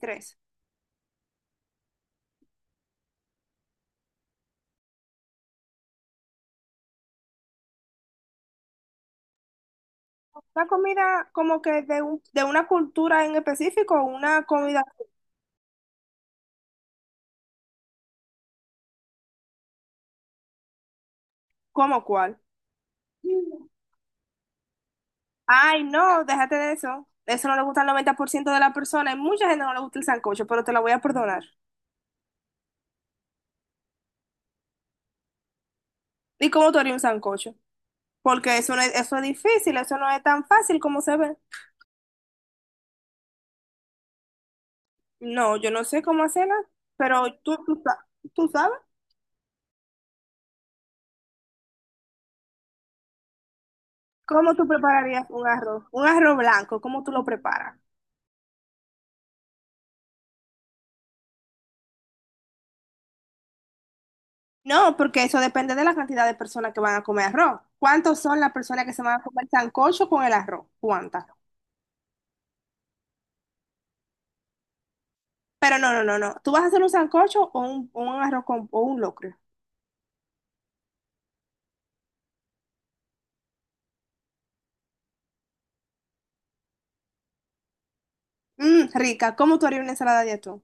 Tres. ¿Una comida como que de, de una cultura en específico o una comida como cuál? Ay, no, déjate de eso. Eso no le gusta al 90% de la persona. Hay mucha gente que no le gusta el sancocho, pero te la voy a perdonar. ¿Y cómo tú harías un sancocho? Porque eso, no es, eso es difícil, eso no es tan fácil como se ve. No, yo no sé cómo hacerla, pero tú sabes cómo tú prepararías un arroz. Un arroz blanco, ¿cómo tú lo preparas? No, porque eso depende de la cantidad de personas que van a comer arroz. ¿Cuántos son las personas que se van a comer sancocho con el arroz? ¿Cuántas? Pero no. ¿Tú vas a hacer un sancocho o un arroz con, o un locrio? Mm, rica. ¿Cómo tú harías una ensalada de atún?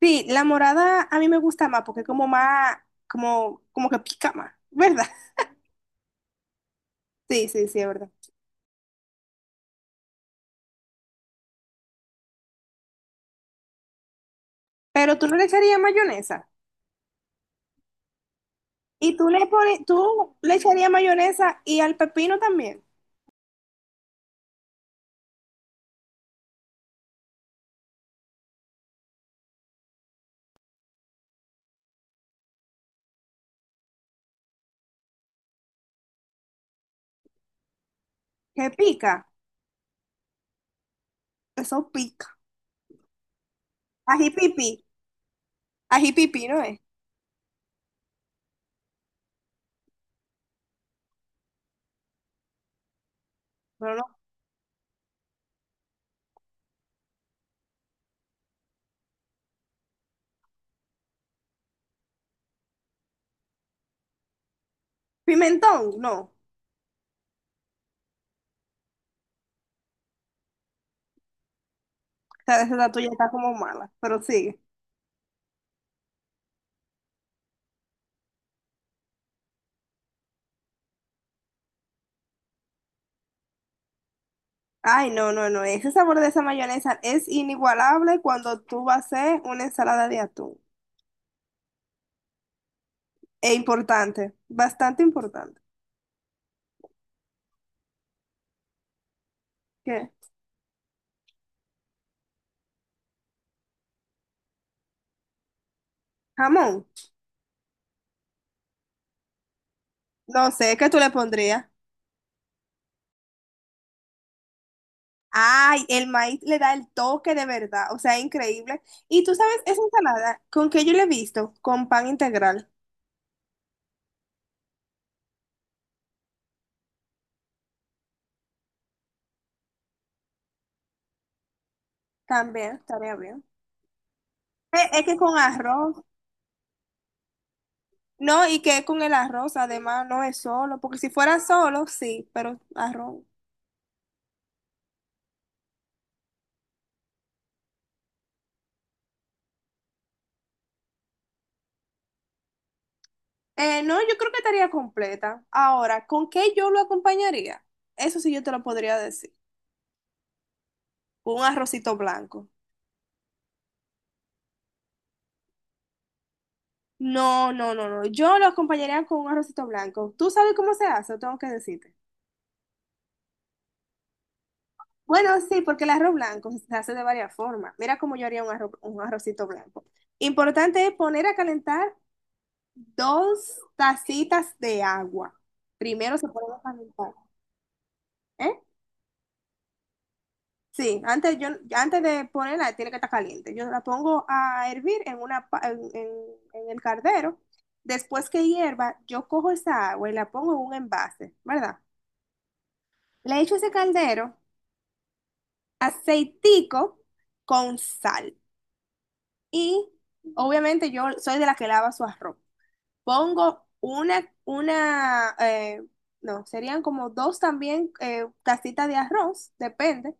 Sí, la morada a mí me gusta más porque es como más, como que pica más, ¿verdad? Sí, sí, sí, es verdad. Pero tú no le echarías mayonesa. Y tú le pones, tú le echarías mayonesa y al pepino también, que pica. Eso pica. Ají pipí. Ají pipí, ¿no es? Pero no. Pimentón, no. O sea, esa tuya está como mala, pero sigue. Ay, no. Ese sabor de esa mayonesa es inigualable cuando tú vas a hacer una ensalada de atún. Es importante, bastante importante. ¿Qué? Jamón. No sé, ¿qué tú le pondrías? Ay, el maíz le da el toque de verdad, o sea, increíble. Y tú sabes, esa ensalada, ¿con qué yo le he visto? Con pan integral. También, estaría bien. Es que con arroz. No, y que es con el arroz, además, no es solo, porque si fuera solo, sí, pero arroz. No, yo creo que estaría completa. Ahora, ¿con qué yo lo acompañaría? Eso sí yo te lo podría decir. Un arrocito blanco. No. Yo lo acompañaría con un arrocito blanco. ¿Tú sabes cómo se hace? ¿O tengo que decirte? Bueno, sí, porque el arroz blanco se hace de varias formas. Mira cómo yo haría un un arrocito blanco. Importante es poner a calentar 2 tacitas de agua. Primero se ponen a calentar. ¿Eh? Sí, antes, yo, antes de ponerla tiene que estar caliente. Yo la pongo a hervir en, una, pa- en el cardero. Después que hierva, yo cojo esa agua y la pongo en un envase, ¿verdad? Le echo ese caldero aceitico con sal. Y obviamente yo soy de la que lava su arroz. Pongo no, serían como 2 también, tacitas de arroz, depende.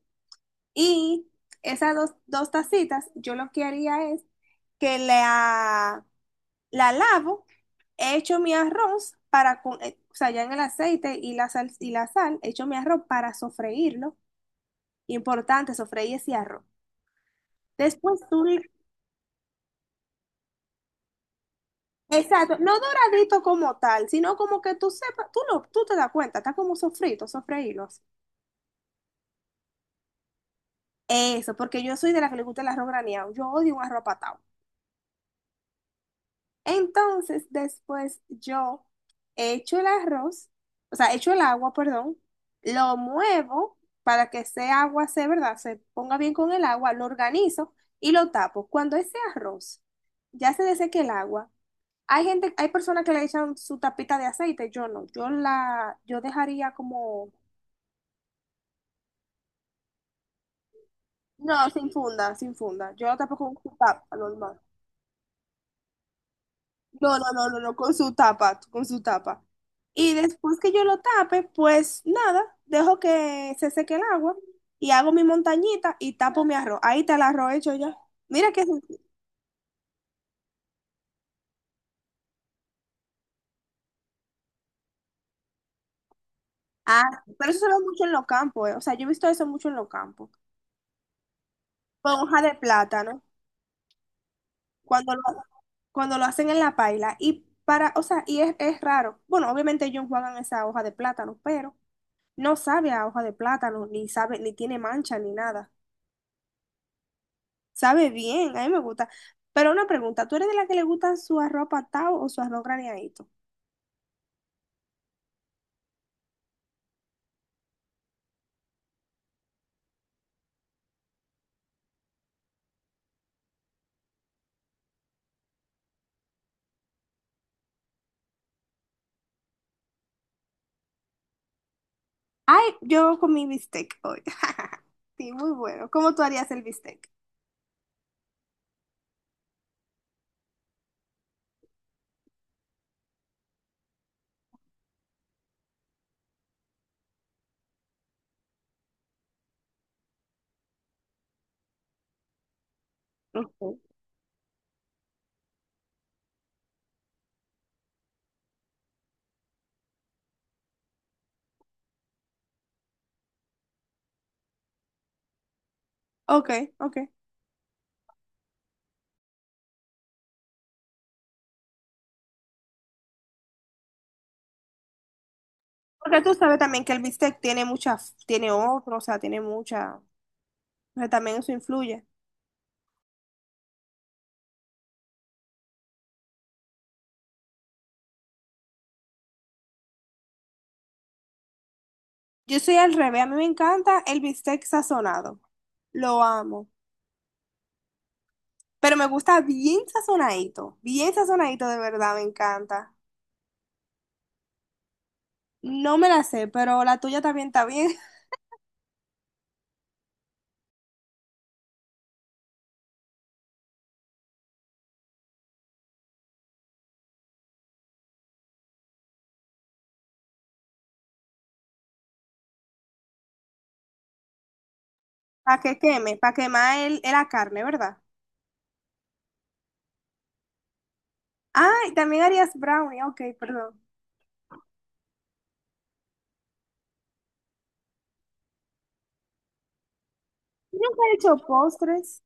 Y esas dos tacitas, yo lo que haría es que la lavo, echo mi arroz para, o sea, ya en el aceite y la sal, echo mi arroz para sofreírlo. Importante, sofreír ese arroz. Después tú, le- exacto, no doradito como tal, sino como que tú sepas, tú te das cuenta, está como sofrito, sofreírlo. Así. Eso, porque yo soy de la que le gusta el arroz graneado. Yo odio un arroz patado. Entonces, después yo echo el arroz, o sea, echo el agua, perdón, lo muevo para que ese agua se, ¿verdad? Se ponga bien con el agua, lo organizo y lo tapo. Cuando ese arroz ya se deseque el agua, hay gente, hay personas que le echan su tapita de aceite, yo no, yo dejaría como, no, sin funda, yo lo tapo con su tapa, normal. No, con su tapa, con su tapa. Y después que yo lo tape, pues nada, dejo que se seque el agua y hago mi montañita y tapo mi arroz. Ahí está el arroz hecho ya. Mira que ah, pero eso se ve mucho en los campos, eh. O sea, yo he visto eso mucho en los campos. Con hoja de plátano, cuando lo, cuando lo hacen en la paila. Y para, o sea, es raro. Bueno, obviamente ellos juegan esa hoja de plátano, pero no sabe a hoja de plátano, ni sabe, ni tiene mancha, ni nada. Sabe bien, a mí me gusta. Pero una pregunta, ¿tú eres de la que le gusta su arroz patado o su arroz graneadito? Ay, yo comí bistec hoy. Sí, muy bueno. ¿Cómo tú harías el bistec? Ok, ok, ok. Porque tú sabes también que el bistec tiene muchas tiene otro, o sea, tiene mucha, o sea, también eso influye. Yo soy al revés, a mí me encanta el bistec sazonado. Lo amo. Pero me gusta bien sazonadito de verdad, me encanta. No me la sé, pero la tuya también está bien. Para que queme, para quemar el, la carne, ¿verdad? Ah, y también harías brownie, ok, perdón. Yo nunca he hecho postres.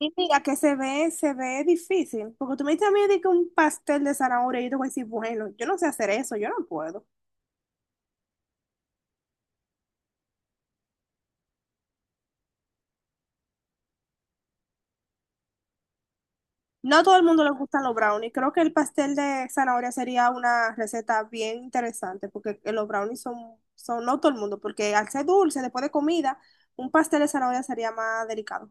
Y mira que se ve difícil. Porque tú me dices a mí de que un pastel de zanahoria, yo te voy a decir, bueno, yo no sé hacer eso, yo no puedo. No a todo el mundo le gustan los brownies. Creo que el pastel de zanahoria sería una receta bien interesante, porque los brownies son, son no todo el mundo, porque al ser dulce, después de comida, un pastel de zanahoria sería más delicado.